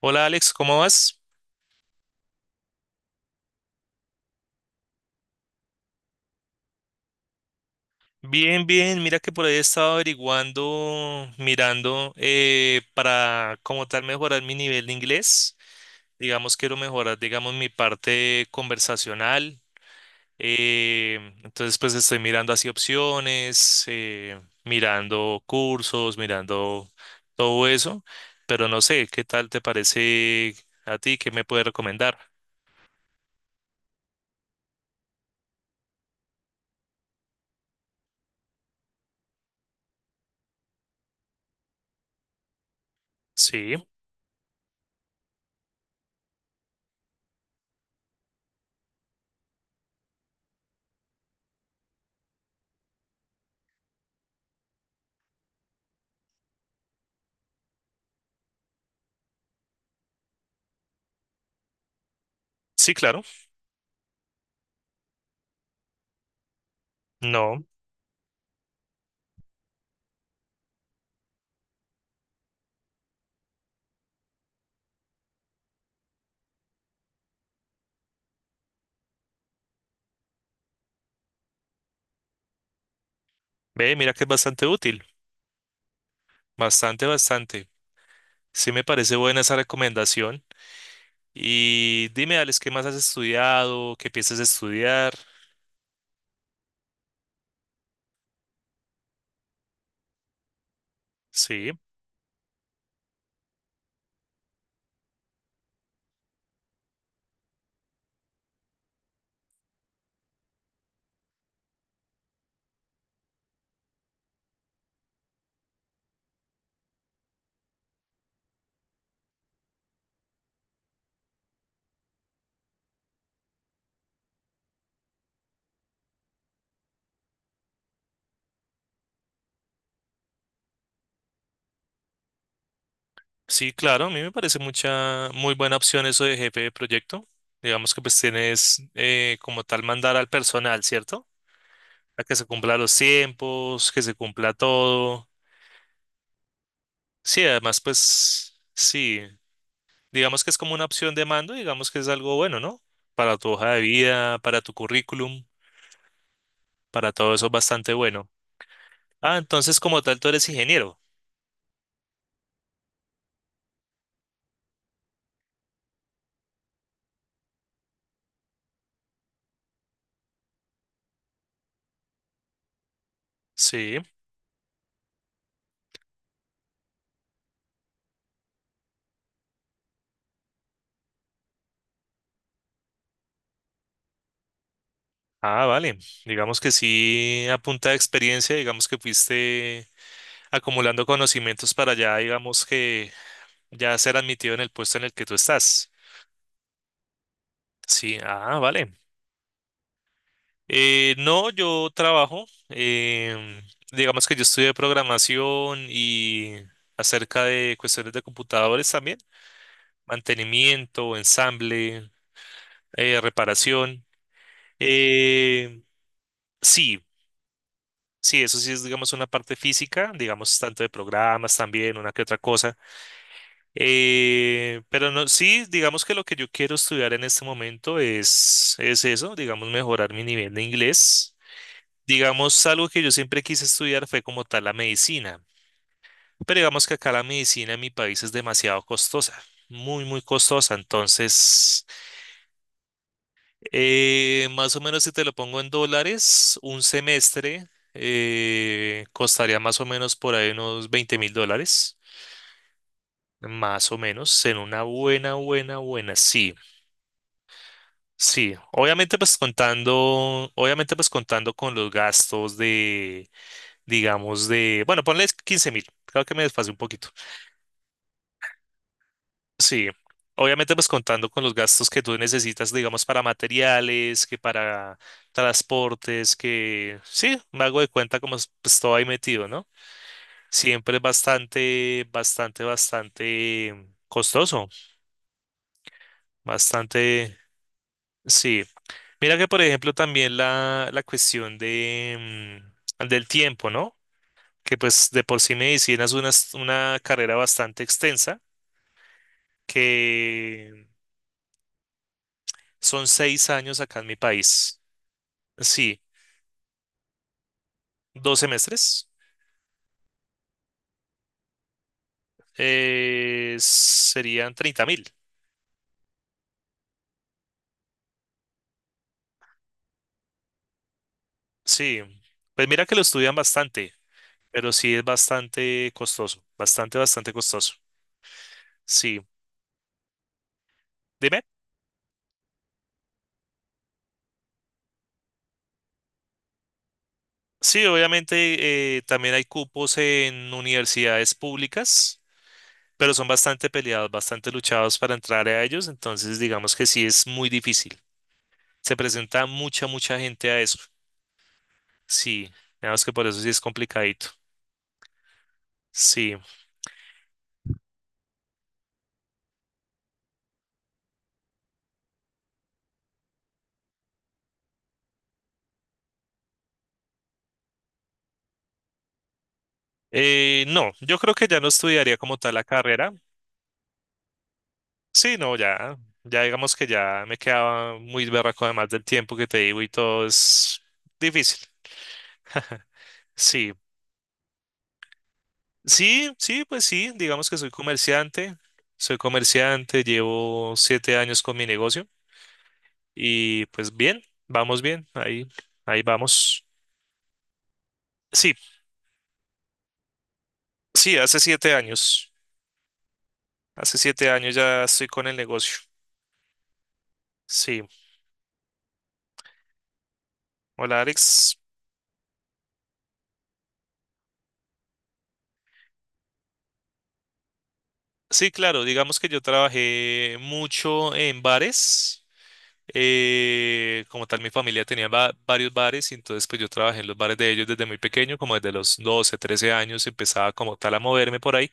Hola Alex, ¿cómo vas? Bien, bien, mira que por ahí he estado averiguando, mirando para como tal mejorar mi nivel de inglés. Digamos, quiero mejorar, digamos, mi parte conversacional. eh, entonces, pues estoy mirando así opciones, mirando cursos, mirando todo eso, pero no sé, ¿qué tal te parece a ti? ¿Qué me puedes recomendar? Sí, sí, claro. No, ve, mira que es bastante útil, bastante, bastante. Sí me parece buena esa recomendación. Y dime, Alex, ¿qué más has estudiado? ¿Qué piensas estudiar? Sí, sí, claro, a mí me parece mucha, muy buena opción eso de jefe de proyecto. Digamos que pues tienes como tal mandar al personal, ¿cierto? A que se cumpla los tiempos, que se cumpla todo. Sí, además pues sí, digamos que es como una opción de mando, digamos que es algo bueno, ¿no? Para tu hoja de vida, para tu currículum, para todo eso es bastante bueno. Ah, entonces como tal tú eres ingeniero. Sí. Ah, vale. Digamos que sí, a punta de experiencia, digamos que fuiste acumulando conocimientos para ya, digamos que ya ser admitido en el puesto en el que tú estás. Sí, ah, vale. No, yo trabajo, digamos que yo estudié programación y acerca de cuestiones de computadores también, mantenimiento, ensamble, reparación. Eh, sí, sí, eso sí es, digamos, una parte física, digamos, tanto de programas también, una que otra cosa. Pero no, sí, digamos que lo que yo quiero estudiar en este momento es, eso, digamos, mejorar mi nivel de inglés. Digamos, algo que yo siempre quise estudiar fue como tal la medicina. Pero digamos que acá la medicina en mi país es demasiado costosa, muy, muy costosa. Entonces... más o menos si te lo pongo en dólares, un semestre costaría más o menos por ahí unos $20,000, más o menos, en una buena, buena, buena, sí, sí. Obviamente pues contando con los gastos de, digamos, de, bueno, ponle 15,000, creo que me desfasé un poquito. Sí, obviamente pues contando con los gastos que tú necesitas, digamos, para materiales, que para transportes, que sí, me hago de cuenta como es, pues todo ahí metido, ¿no? Siempre es bastante, bastante, bastante costoso, bastante, sí. Mira que por ejemplo también la cuestión de, del tiempo, ¿no? Que pues de por sí medicina es una, carrera bastante extensa, que son 6 años acá en mi país. Sí, dos semestres serían 30,000. Sí, pues mira que lo estudian bastante, pero sí es bastante costoso, bastante, bastante costoso. Sí, dime. Sí, obviamente también hay cupos en universidades públicas, pero son bastante peleados, bastante luchados para entrar a ellos, entonces digamos que sí es muy difícil. Se presenta mucha, mucha gente a eso. Sí, digamos que por eso sí es complicadito. Sí. No, yo creo que ya no estudiaría como tal la carrera. Sí, no, ya, ya digamos que ya me quedaba muy berraco además del tiempo que te digo y todo es difícil. Sí, sí, sí, pues sí, digamos que soy comerciante, llevo 7 años con mi negocio y pues bien, vamos bien, ahí, ahí vamos. Sí, sí, hace siete años ya estoy con el negocio. Sí, hola Alex. Sí, claro, digamos que yo trabajé mucho en bares. Como tal, mi familia tenía varios bares y entonces pues yo trabajé en los bares de ellos desde muy pequeño, como desde los 12, 13 años empezaba como tal a moverme por ahí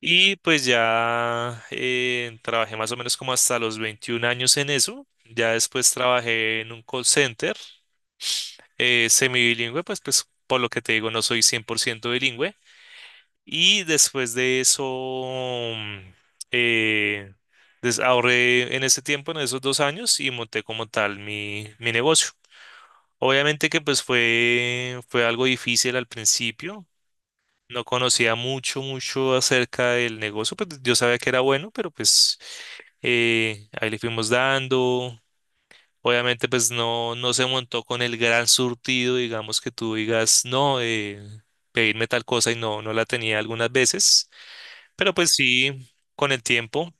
y pues ya trabajé más o menos como hasta los 21 años en eso. Ya después trabajé en un call center semibilingüe, pues por lo que te digo no soy 100% bilingüe. Y después de eso, mm, eh, ahorré en ese tiempo, en esos 2 años, y monté como tal mi negocio. Obviamente que pues fue algo difícil al principio. No conocía mucho, mucho acerca del negocio, pues yo sabía que era bueno, pero pues ahí le fuimos dando. Obviamente pues no, no se montó con el gran surtido, digamos que tú digas, no, pedirme tal cosa y no, no la tenía algunas veces. Pero pues sí, con el tiempo,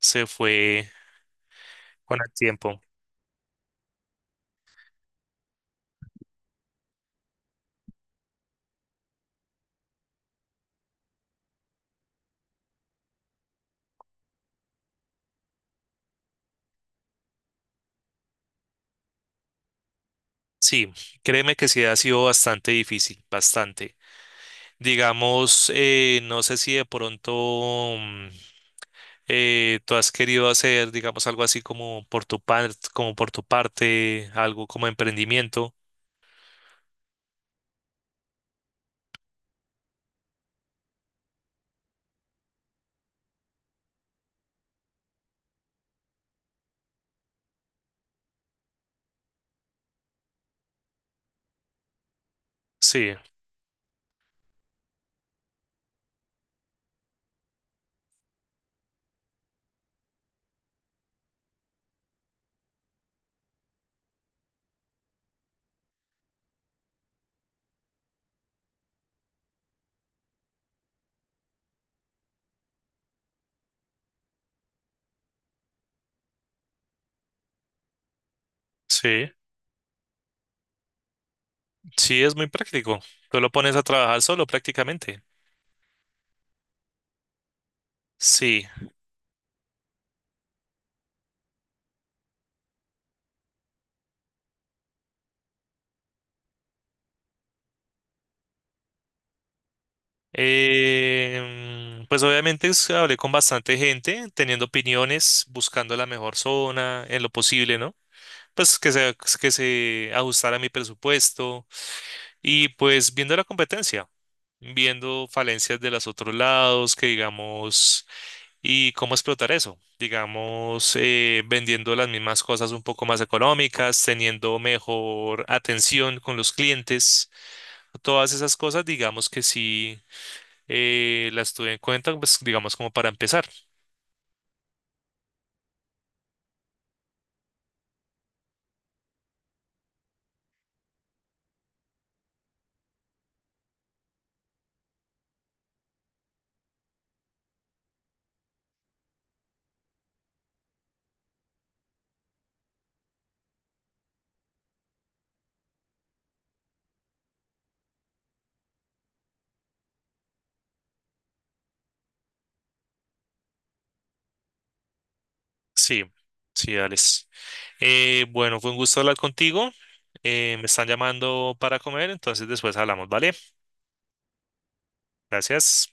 se fue con el tiempo. Sí, créeme que sí ha sido bastante difícil, bastante. Digamos, no sé si de pronto tú has querido hacer, digamos, algo así como por tu parte, algo como emprendimiento. Sí, sí, sí, es muy práctico. Tú lo pones a trabajar solo prácticamente. Sí. Pues obviamente hablé con bastante gente, teniendo opiniones, buscando la mejor zona en lo posible, ¿no? Pues que se ajustara a mi presupuesto y pues viendo la competencia, viendo falencias de los otros lados, que digamos, y cómo explotar eso, digamos, vendiendo las mismas cosas un poco más económicas, teniendo mejor atención con los clientes, todas esas cosas, digamos que sí las tuve en cuenta, pues digamos como para empezar. Sí, sí, dale. Bueno, fue un gusto hablar contigo. Me están llamando para comer, entonces después hablamos, ¿vale? Gracias.